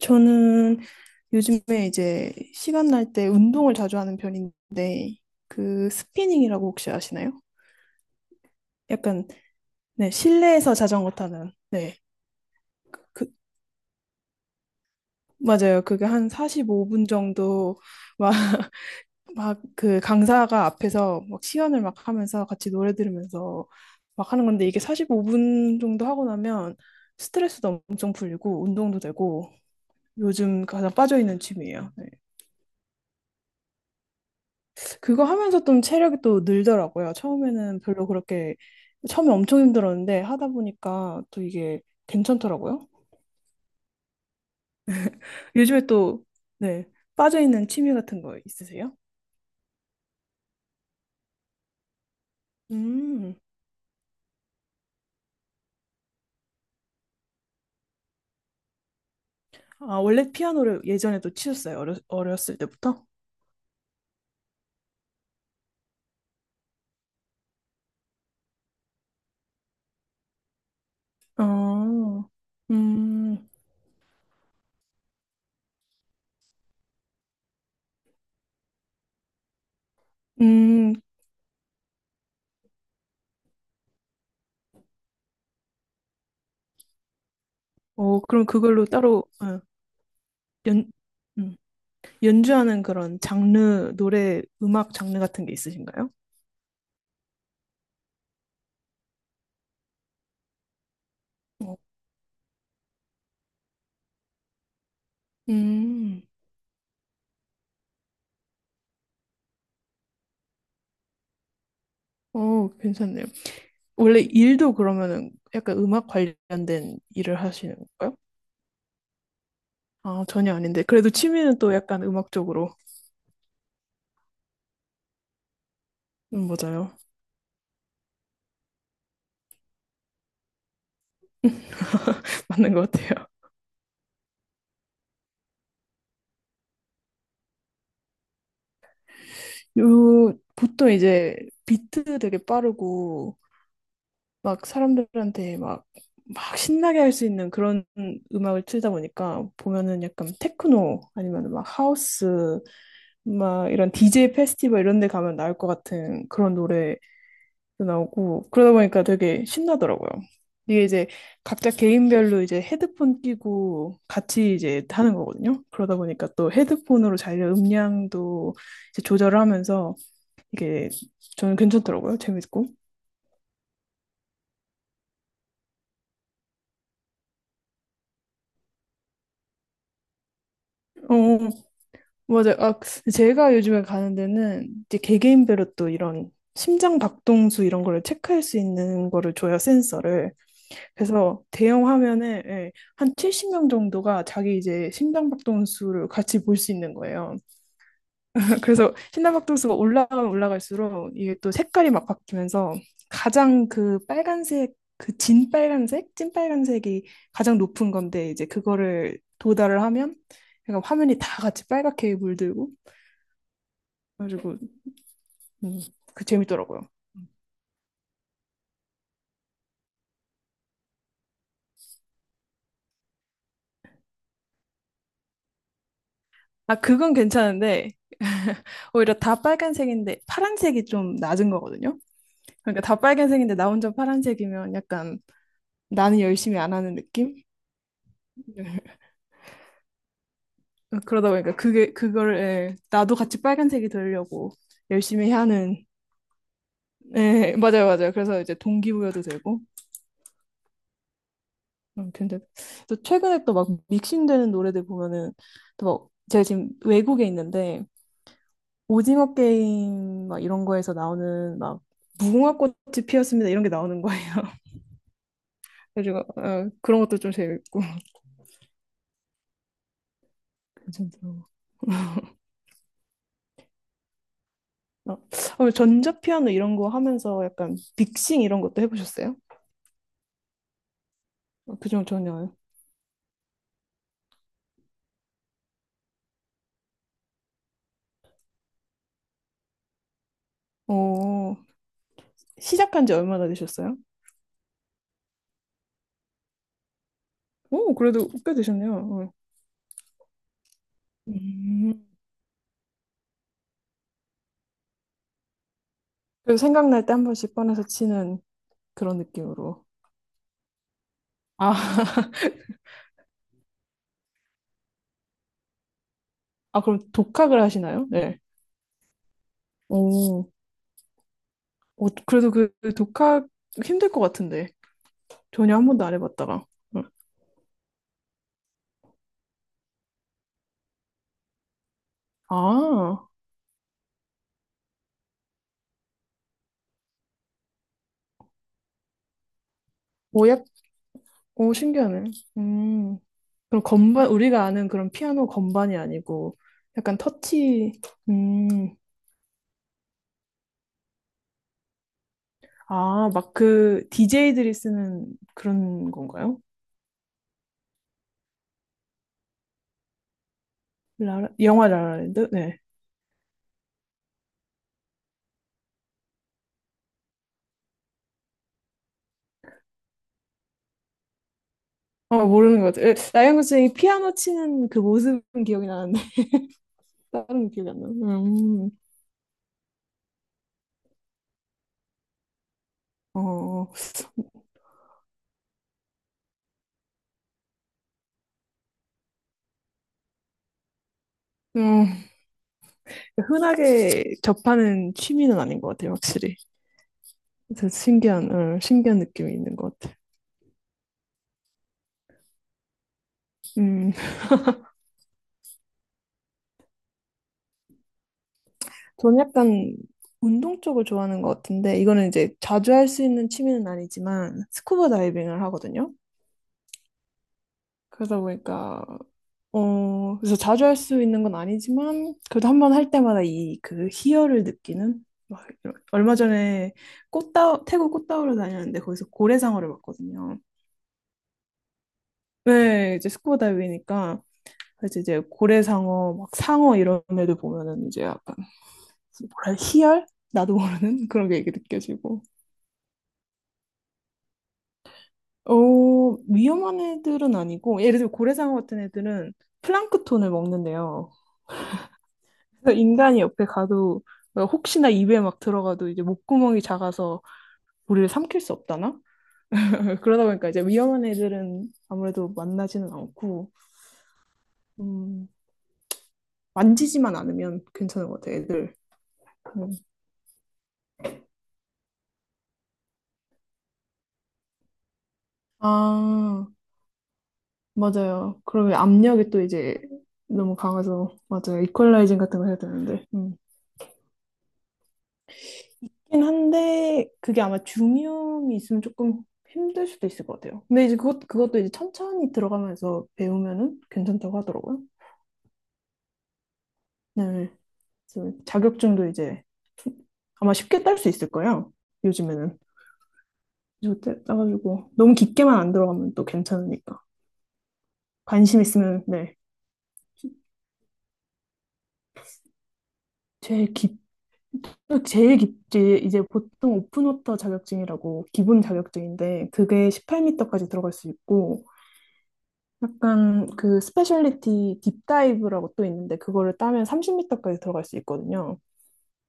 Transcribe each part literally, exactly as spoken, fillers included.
저는 요즘에 이제 시간 날 때 운동을 자주 하는 편인데 그 스피닝이라고 혹시 아시나요? 약간 네, 실내에서 자전거 타는 네. 그, 그, 맞아요. 그게 한 사십오 분 정도 막 막 그 강사가 앞에서 막 시연을 막 하면서 같이 노래 들으면서 막 하는 건데 이게 사십오 분 정도 하고 나면 스트레스도 엄청 풀리고 운동도 되고 요즘 가장 빠져 있는 취미예요. 네. 그거 하면서 좀 체력이 또 늘더라고요. 처음에는 별로 그렇게, 처음에 엄청 힘들었는데 하다 보니까 또 이게 괜찮더라고요. 요즘에 또, 네, 빠져있는 취미 같은 거 있으세요? 음, 아, 원래 피아노를 예전에도 치셨어요? 어렸, 어렸을 때부터? 아 음, 음, 어, 그럼 그걸로 따로, 어, 연, 음, 연주하는 그런 장르, 노래, 음악 장르 같은 게 있으신가요? 어, 음, 어, 괜찮네요. 원래 일도 그러면은 약간 음악 관련된 일을 하시는 건가요? 아, 전혀 아닌데. 그래도 취미는 또 약간 음악적으로. 음, 맞아요. 맞는 것 같아요. 요, 보통 이제 비트 되게 빠르고, 막 사람들한테 막, 막 신나게 할 수 있는 그런 음악을 틀다 보니까 보면은 약간 테크노 아니면 막 하우스, 막 이런 디제이 페스티벌 이런 데 가면 나올 것 같은 그런 노래 나오고 그러다 보니까 되게 신나더라고요. 이게 이제 각자 개인별로 이제 헤드폰 끼고 같이 이제 하는 거거든요. 그러다 보니까 또 헤드폰으로 자기 음량도 이제 조절을 하면서 이게 저는 괜찮더라고요. 재밌고. 어, 맞아요. 아, 제가 요즘에 가는 데는 이제 개개인별로 또 이런 심장 박동수 이런 거를 체크할 수 있는 거를 줘요, 센서를. 그래서 대형 화면에 예, 한 칠십 명 정도가 자기 이제 심장박동수를 같이 볼 수 있는 거예요. 그래서 심장박동수가 올라가면 올라갈수록 이게 또 색깔이 막 바뀌면서 가장 그 빨간색, 그 진빨간색, 찐빨간색이 가장 높은 건데 이제 그거를 도달을 하면 그러니까 화면이 다 같이 빨갛게 물들고 그래가지고 음, 그 재밌더라고요. 아, 그건 괜찮은데 오히려 다 빨간색인데 파란색이 좀 낮은 거거든요. 그러니까 다 빨간색인데 나 혼자 파란색이면 약간 나는 열심히 안 하는 느낌? 그러다 보니까 그게 그걸 예, 나도 같이 빨간색이 되려고 열심히 해야 하는 예, 맞아요, 맞아요. 그래서 이제 동기부여도 되고. 음, 근데 또 최근에 또 막 믹싱되는 노래들 보면은 또 막 제가 지금 외국에 있는데 오징어 게임 막 이런 거에서 나오는 막 무궁화 꽃이 피었습니다 이런 게 나오는 거예요. 그래가지고 어, 그런 것도 좀 재밌고 괜찮더라고요. 어, 어, 전자 피아노 이런 거 하면서 약간 빅싱 이런 것도 해보셨어요? 어, 그중 전혀요. 어, 시작한 지 얼마나 되셨어요? 오, 그래도 꽤 되셨네요. 어. 음. 그래서 생각날 때 한 번씩 꺼내서 치는 그런 느낌으로. 아, 아, 그럼 독학을 하시나요? 네. 오, 어, 그래도 그 독학 힘들 것 같은데. 전혀 한 번도 안 해봤다가. 응. 아, 오, 약, 오, 신기하네. 음. 그럼 건반, 우리가 아는 그런 피아노 건반이 아니고, 약간 터치, 음, 아, 막 그, 디제이들이 쓰는 그런 건가요? 라라, 영화 라라랜드? 네. 어, 모르는 것 같아요. 에, 라이언 고슬링이 피아노 치는 그 모습은 기억이 나는데, 다른 건 기억이 안 나요. 음, 어, 어. 음, 흔하게 접하는 취미는 아닌 것 같아요, 확실히. 그래서 신기한, 어, 신기한 느낌이 있는 것 같아요. 음. 저는 약간 운동 쪽을 좋아하는 것 같은데, 이거는 이제 자주 할 수 있는 취미는 아니지만, 스쿠버 다이빙을 하거든요. 그러다 보니까, 어, 그래서 자주 할 수 있는 건 아니지만, 그래도 한번 할 때마다 이 그 희열을 느끼는? 막 이런 얼마 전에 꽃다, 태국 꽃다우를 다녔는데, 거기서 고래상어를 봤거든요. 네, 이제 스쿠버 다이빙이니까, 그래서 이제 고래상어, 막 상어 이런 애들 보면은 이제 약간, 뭐랄, 희열? 나도 모르는 그런 게 이렇게 느껴지고. 어, 위험한 애들은 아니고, 예를 들어 고래상어 같은 애들은 플랑크톤을 먹는데요. 그래서 인간이 옆에 가도, 어, 혹시나 입에 막 들어가도 이제 목구멍이 작아서 우리를 삼킬 수 없다나? 그러다 보니까 이제 위험한 애들은 아무래도 만나지는 않고, 음, 만지지만 않으면 괜찮은 것 같아요, 애들. 음. 아, 맞아요. 그러면 압력이 또 이제 너무 강해서, 맞아요. 이퀄라이징 같은 거 해야 되는데. 음. 긴 한데 그게 아마 중이염이 있으면 조금 힘들 수도 있을 것 같아요. 근데 이제 그것 그것도 이제 천천히 들어가면서 배우면은 괜찮다고 하더라고요. 네, 그래서 자격증도 이제 아마 쉽게 딸 수 있을 거예요. 요즘에는 그래서 따- 따가지고 너무 깊게만 안 들어가면 또 괜찮으니까 관심 있으면 네 제일 깊 제일 깊지 이제 보통 오픈워터 자격증이라고 기본 자격증인데 그게 십팔 미터까지 들어갈 수 있고 약간 그 스페셜리티 딥다이브라고 또 있는데 그거를 따면 삼십 미터까지 들어갈 수 있거든요.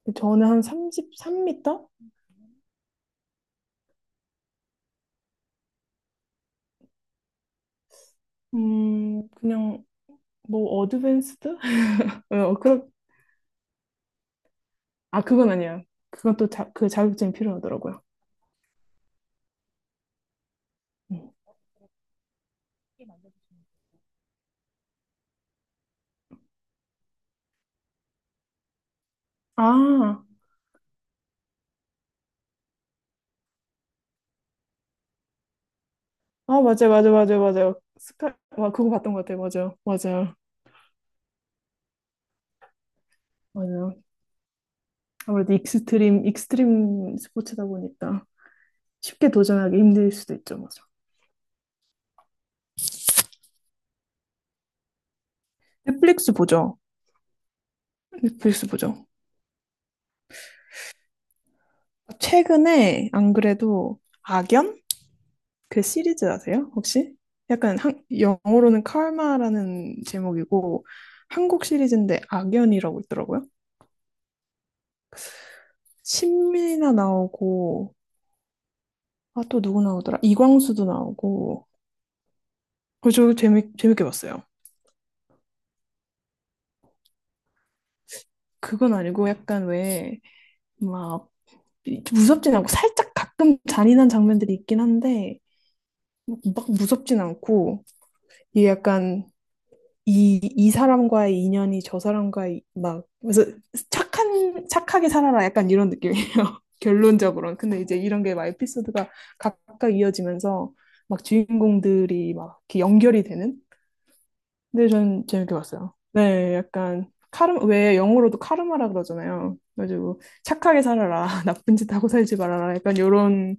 근데 저는 한 삼십삼 미터? 음, 그냥 뭐 어드밴스드? 어, 그런 아 그건 아니야. 그건 또 자, 그 자격증이 필요하더라고요. 음. 아, 아 맞아요, 맞아요, 맞아요, 맞아요. 스카, 와 그거 봤던 것 같아요, 맞아요, 맞아요, 맞아요. 아무래도 익스트림, 익스트림 스포츠다 보니까 쉽게 도전하기 힘들 수도 있죠, 맞아. 넷플릭스 보죠. 넷플릭스 보죠. 최근에 안 그래도 악연? 그 시리즈 아세요? 혹시? 약간 한, 영어로는 칼마라는 제목이고 한국 시리즈인데 악연이라고 있더라고요. 신민이나 나오고 아 또 누구 나오더라? 이광수도 나오고 그저 재밌 재밌게 봤어요. 그건 아니고 약간 왜 막 무섭진 않고 살짝 가끔 잔인한 장면들이 있긴 한데 막 무섭진 않고 이게 약간 이, 이 사람과의 인연이 저 사람과의 막 그래서 착한 착하게 살아라 약간 이런 느낌이에요. 결론적으로는. 근데 이제 이런 게 막 에피소드가 각각 이어지면서 막 주인공들이 막 이렇게 연결이 되는. 근데 전 재밌게 봤어요. 네, 약간 카르 왜 영어로도 카르마라 그러잖아요. 그래가지고 착하게 살아라, 나쁜 짓 하고 살지 말아라 약간 이런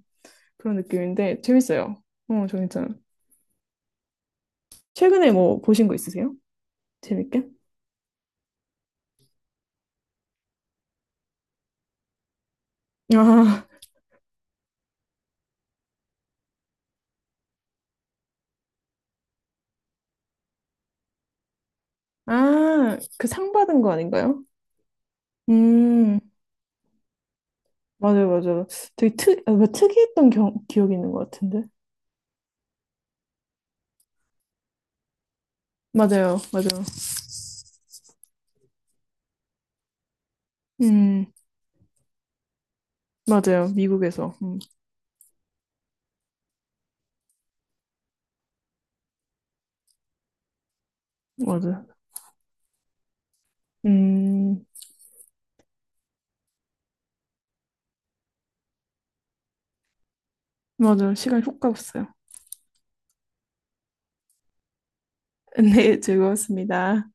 그런 느낌인데 재밌어요. 어, 저 괜찮아요. 최근에 뭐 보신 거 있으세요? 재밌게? 아, 아, 그 상 받은 거 아닌가요? 음, 맞아요, 맞아요. 되게 특, 아, 뭔가 특이했던 겨, 기억이 있는 것 같은데. 맞아요, 맞아요. 음, 맞아요. 미국에서. 음, 맞아요. 음, 맞아요. 시간 훅 갔어요. 네, 즐거웠습니다.